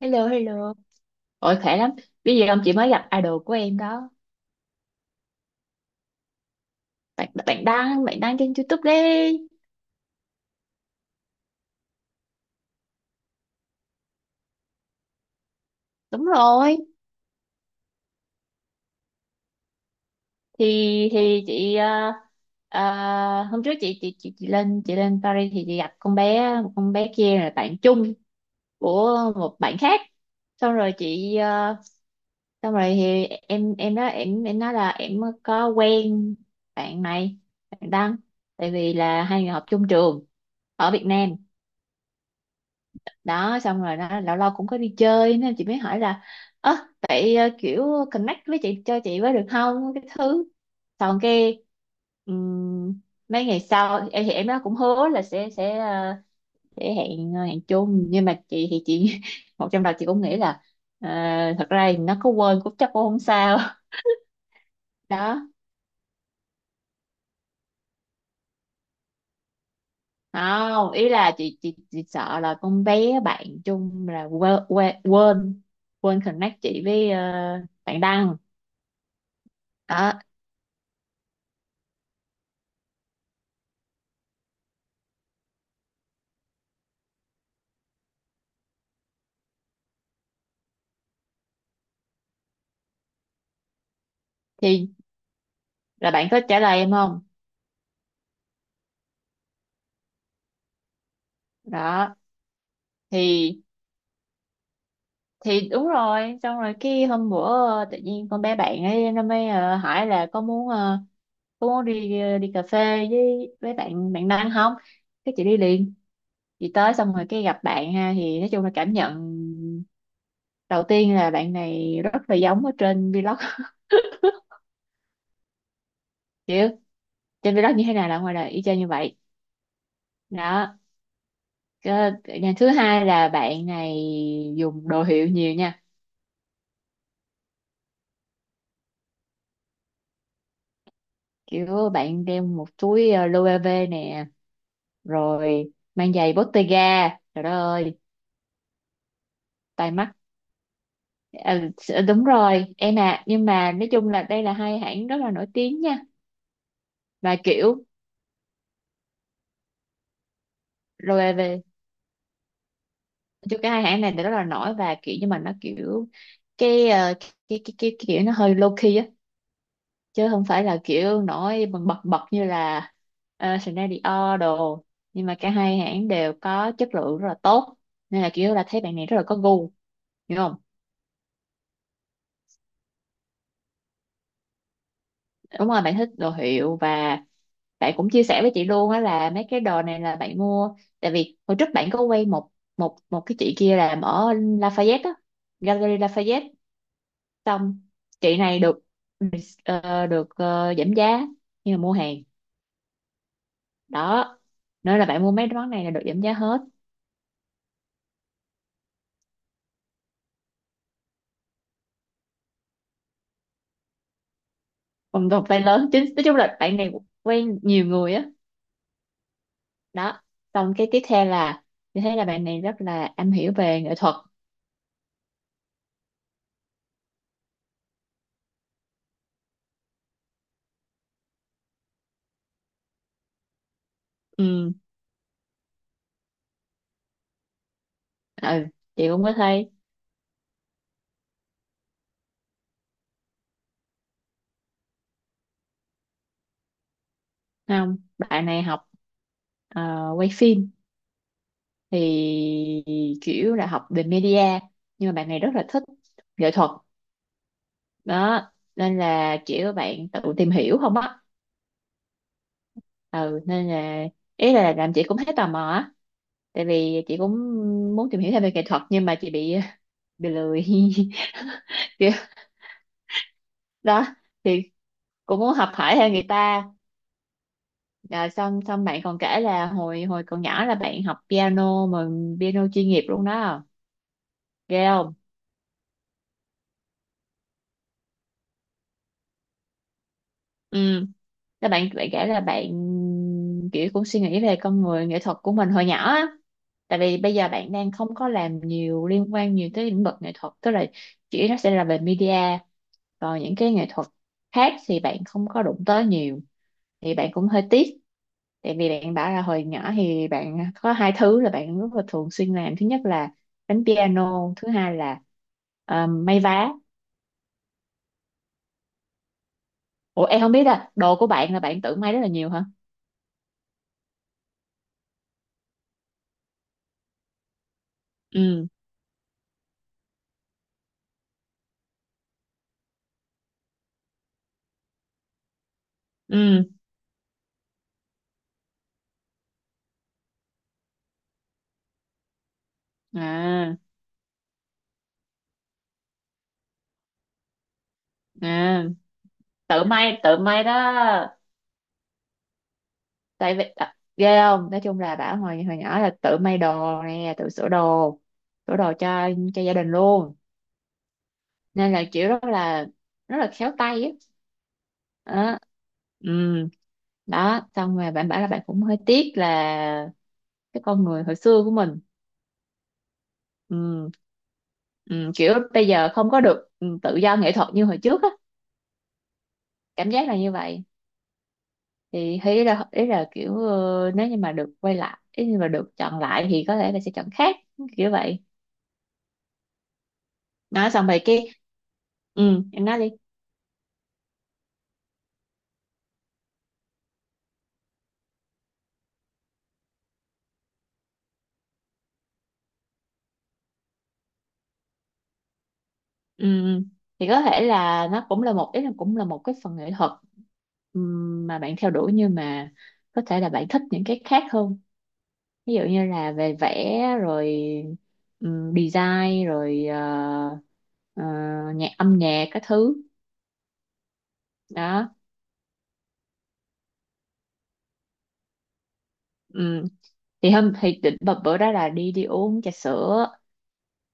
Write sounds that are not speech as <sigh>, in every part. Hello, hello. Ôi khỏe lắm. Bây giờ ông chị mới gặp idol của em đó. Bạn bạn đăng trên YouTube đi. Đúng rồi. Thì chị hôm trước chị lên Paris thì chị gặp con bé kia là bạn chung của một bạn khác. Xong rồi chị xong rồi thì em nói là em có quen bạn này, bạn đăng, tại vì là hai người học chung trường ở Việt Nam đó. Xong rồi nó lâu lâu cũng có đi chơi nên chị mới hỏi là ơ, vậy kiểu connect với chị cho chị với được không? Cái thứ xong cái ừm, mấy ngày sau em thì em nó cũng hứa là sẽ hẹn hẹn chung, nhưng mà chị <laughs> một trong đầu chị cũng nghĩ là ờ, thật ra thì nó có quên cũng chắc cũng không sao. <laughs> Đó, không, ý là chị sợ là con bé bạn chung là quên quên quên quên connect chị với bạn Đăng đó. Thì là bạn có trả lời em không? Đó thì đúng rồi. Xong rồi cái hôm bữa tự nhiên con bé bạn ấy nó mới hỏi là có muốn có muốn đi đi cà phê với bạn bạn Đăng không, cái chị đi liền. Chị tới xong rồi cái gặp bạn, ha, thì nói chung là cảm nhận đầu tiên là bạn này rất là giống ở trên vlog. <laughs> Chứ trên vlog như thế nào là ngoài đời y chang như vậy đó. Cái thứ hai là bạn này dùng đồ hiệu nhiều nha. Kiểu bạn đeo một túi LOewe nè, rồi mang giày Bottega, trời đất ơi, tai mắt. Đúng rồi em, à nhưng mà nói chung là đây là hai hãng rất là nổi tiếng nha. Và kiểu LOewe chứ, cái hai hãng này thì rất là nổi, và kiểu nhưng mà nó kiểu cái kiểu nó hơi low key á, chứ không phải là kiểu nổi bật bật bật như là Chanel, Dior đồ. Nhưng mà cả hai hãng đều có chất lượng rất là tốt, nên là kiểu là thấy bạn này rất là có gu, hiểu không? Đúng rồi, bạn thích đồ hiệu, và bạn cũng chia sẻ với chị luôn á là mấy cái đồ này là bạn mua. Tại vì hồi trước bạn có quay một một một cái chị kia làm ở Lafayette á, Gallery Lafayette. Xong chị này được được giảm giá nhưng mà mua hàng đó, nên là bạn mua mấy món này là được giảm giá hết. Còn còn phải lớn chính, nói chung là bạn này quen nhiều người á đó. Xong cái tiếp theo là thì thấy là bạn này rất là am hiểu về nghệ thuật. Ừ, ừ, chị cũng có thấy. Không, bạn này học quay phim, thì kiểu là học về media, nhưng mà bạn này rất là thích nghệ thuật đó. Nên là kiểu bạn tự tìm hiểu không á. Ừ, nên là ý là làm chị cũng thấy tò mò á, tại vì chị cũng muốn tìm hiểu thêm về nghệ thuật, nhưng mà chị bị lười. <laughs> Kiểu đó thì cũng muốn học hỏi theo người ta. À, xong xong bạn còn kể là hồi hồi còn nhỏ là bạn học piano, mà piano chuyên nghiệp luôn đó, ghê. Ừ, các bạn bạn kể là bạn kiểu cũng suy nghĩ về con người nghệ thuật của mình hồi nhỏ á. Tại vì bây giờ bạn đang không có làm nhiều, liên quan nhiều tới lĩnh vực nghệ thuật, tức là chỉ nó sẽ là về media, còn những cái nghệ thuật khác thì bạn không có đụng tới nhiều, thì bạn cũng hơi tiếc. Tại vì bạn bảo là hồi nhỏ thì bạn có hai thứ là bạn rất là thường xuyên làm, thứ nhất là đánh piano, thứ hai là may vá. Ủa em không biết à, đồ của bạn là bạn tự may rất là nhiều hả? Ừ, ừ. à à Tự may, tự may đó. Tại vì à, ghê không, nói chung là bảo hồi hồi nhỏ là tự may đồ nè, tự sửa đồ, cho gia đình luôn, nên là kiểu rất là khéo tay á. Đó. Ừ, đó xong rồi bạn bảo là bạn cũng hơi tiếc là cái con người hồi xưa của mình. ừ, ừ, Kiểu bây giờ không có được tự do nghệ thuật như hồi trước á, cảm giác là như vậy. Thì thấy là ý là kiểu nếu như mà được quay lại, ý như mà được chọn lại thì có thể là sẽ chọn khác kiểu vậy. Nói xong rồi cái, ừ em nói đi. Ừ, ừ. Thì có thể là nó cũng là một, ý là cũng là một cái phần nghệ thuật, mà bạn theo đuổi, nhưng mà có thể là bạn thích những cái khác hơn, ví dụ như là về vẽ rồi design rồi ờ, âm nhạc các thứ đó. Ừ. Thì hôm thì định bập bữa đó là đi đi uống trà sữa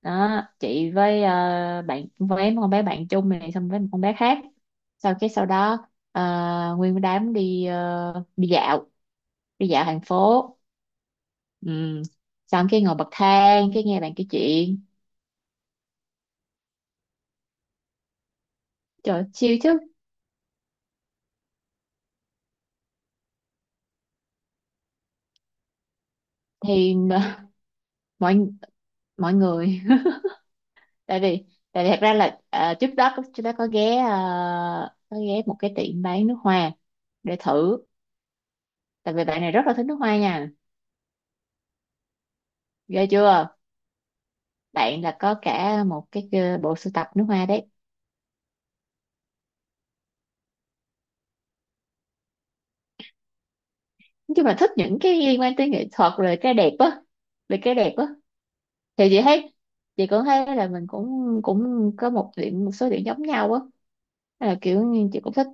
đó, chị với bạn với con bé bạn chung này, xong với một con bé khác. Sau đó nguyên đám đi đi dạo, đi dạo thành phố. Ừ. Xong cái ngồi bậc thang, cái nghe bạn kể chuyện, trời siêu chứ. Thì <laughs> mọi mọi người. Tại vì thật ra là trước đó chúng ta có ghé có ghé một cái tiệm bán nước hoa để thử, tại vì bạn này rất là thích nước hoa nha, ghê chưa. Bạn là có cả một cái bộ sưu tập nước hoa đấy. Nói chung là thích những cái liên quan tới nghệ thuật rồi cái đẹp á, về cái đẹp á. Thì chị thấy cũng thấy là mình cũng cũng có một điểm, một số điểm giống nhau á. Hay là kiểu như chị cũng thích,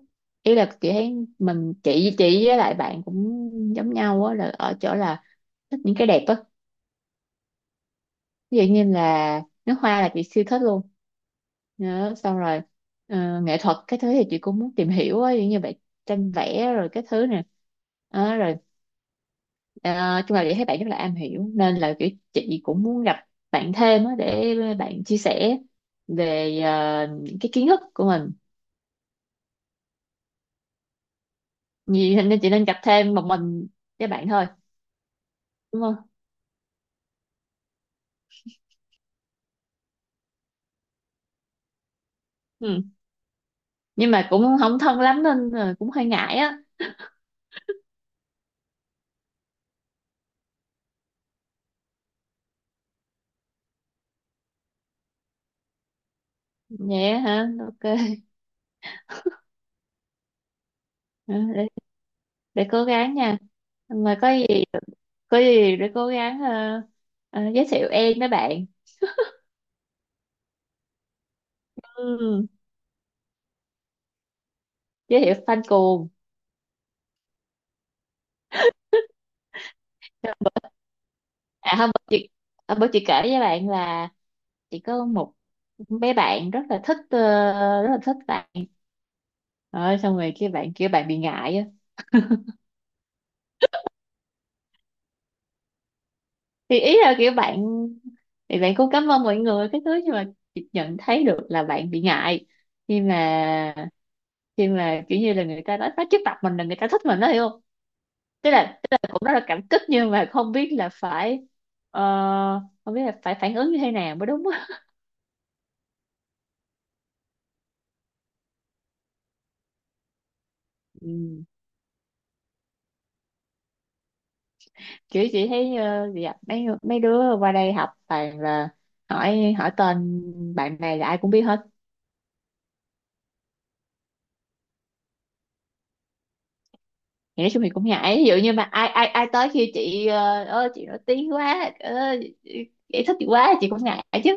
ý là chị thấy mình chị với lại bạn cũng giống nhau á là ở chỗ là thích những cái đẹp á, ví dụ như là nước hoa là chị siêu thích luôn. Đó, xong rồi nghệ thuật cái thứ thì chị cũng muốn tìm hiểu á, giống như vậy, tranh vẽ rồi cái thứ nè. Đó, rồi ờ, chung là chị thấy bạn rất là am hiểu, nên là kiểu chị cũng muốn gặp bạn thêm á, để bạn chia sẻ về những cái kiến thức của mình. Vì thế nên chị nên gặp thêm một mình với bạn thôi, đúng không? Ừ. Nhưng mà cũng không thân lắm nên là cũng hơi ngại á. Vậy á hả, ok. <laughs> Ừ, để cố gắng nha. Mà có gì để cố gắng giới thiệu em với bạn. Ừ, giới thiệu fan cuồng. À hôm bữa chị, kể với bạn là chị có một bé bạn rất là thích rất là thích bạn, rồi xong rồi kia bạn bị ngại á. Thì ý là kiểu bạn, thì bạn cũng cảm ơn mọi người cái thứ, nhưng mà chị nhận thấy được là bạn bị ngại khi mà kiểu như là người ta nói trước mặt mình là người ta thích mình đó, hiểu không? Tức là cũng rất là cảm kích nhưng mà không biết là phải ờ, không biết là phải phản ứng như thế nào mới đúng á. Ừ. Kiểu chị thấy dạ, mấy mấy đứa qua đây học toàn là hỏi hỏi tên bạn này là ai cũng biết hết. Thì nói chung thì cũng ngại, ví dụ như mà ai ai ai tới khi chị ờ, ơ chị nổi tiếng quá, ơ chị thích chị quá, chị cũng ngại chứ.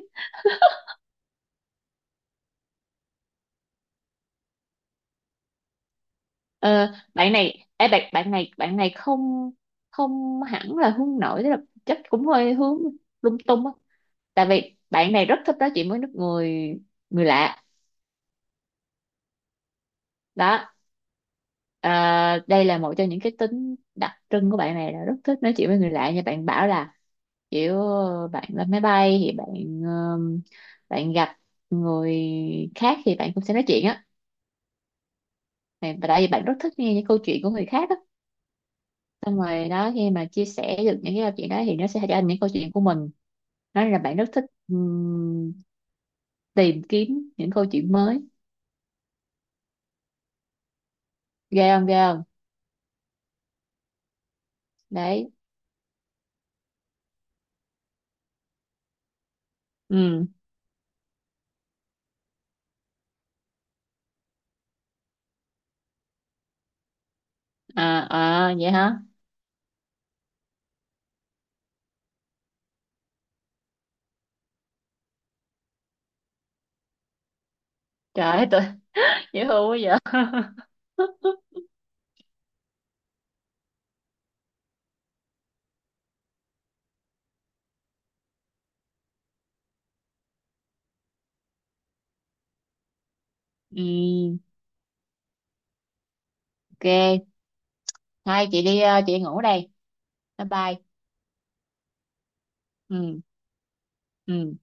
Ờ, bạn này ê, bạn bạn này không không hẳn là hướng nội, tức là chắc cũng hơi hướng lung tung á. Tại vì bạn này rất thích nói chuyện với người người lạ đó. Ờ, đây là một trong những cái tính đặc trưng của bạn này là rất thích nói chuyện với người lạ, như bạn bảo là kiểu bạn lên máy bay thì bạn ờm, bạn gặp người khác thì bạn cũng sẽ nói chuyện á. Và tại vì bạn rất thích nghe những câu chuyện của người khác á. Xong rồi đó, khi mà chia sẻ được những cái câu chuyện đó thì nó sẽ trở thành những câu chuyện của mình, nói là bạn rất thích tìm kiếm những câu chuyện mới, ghê không, ghê không. Đấy. Ừ, à, à vậy hả, trời ơi tôi. <laughs> Dễ thương quá vậy. <laughs> Ừ, ok. Hai chị đi chị ngủ đây. Bye bye. Ừ, ừ.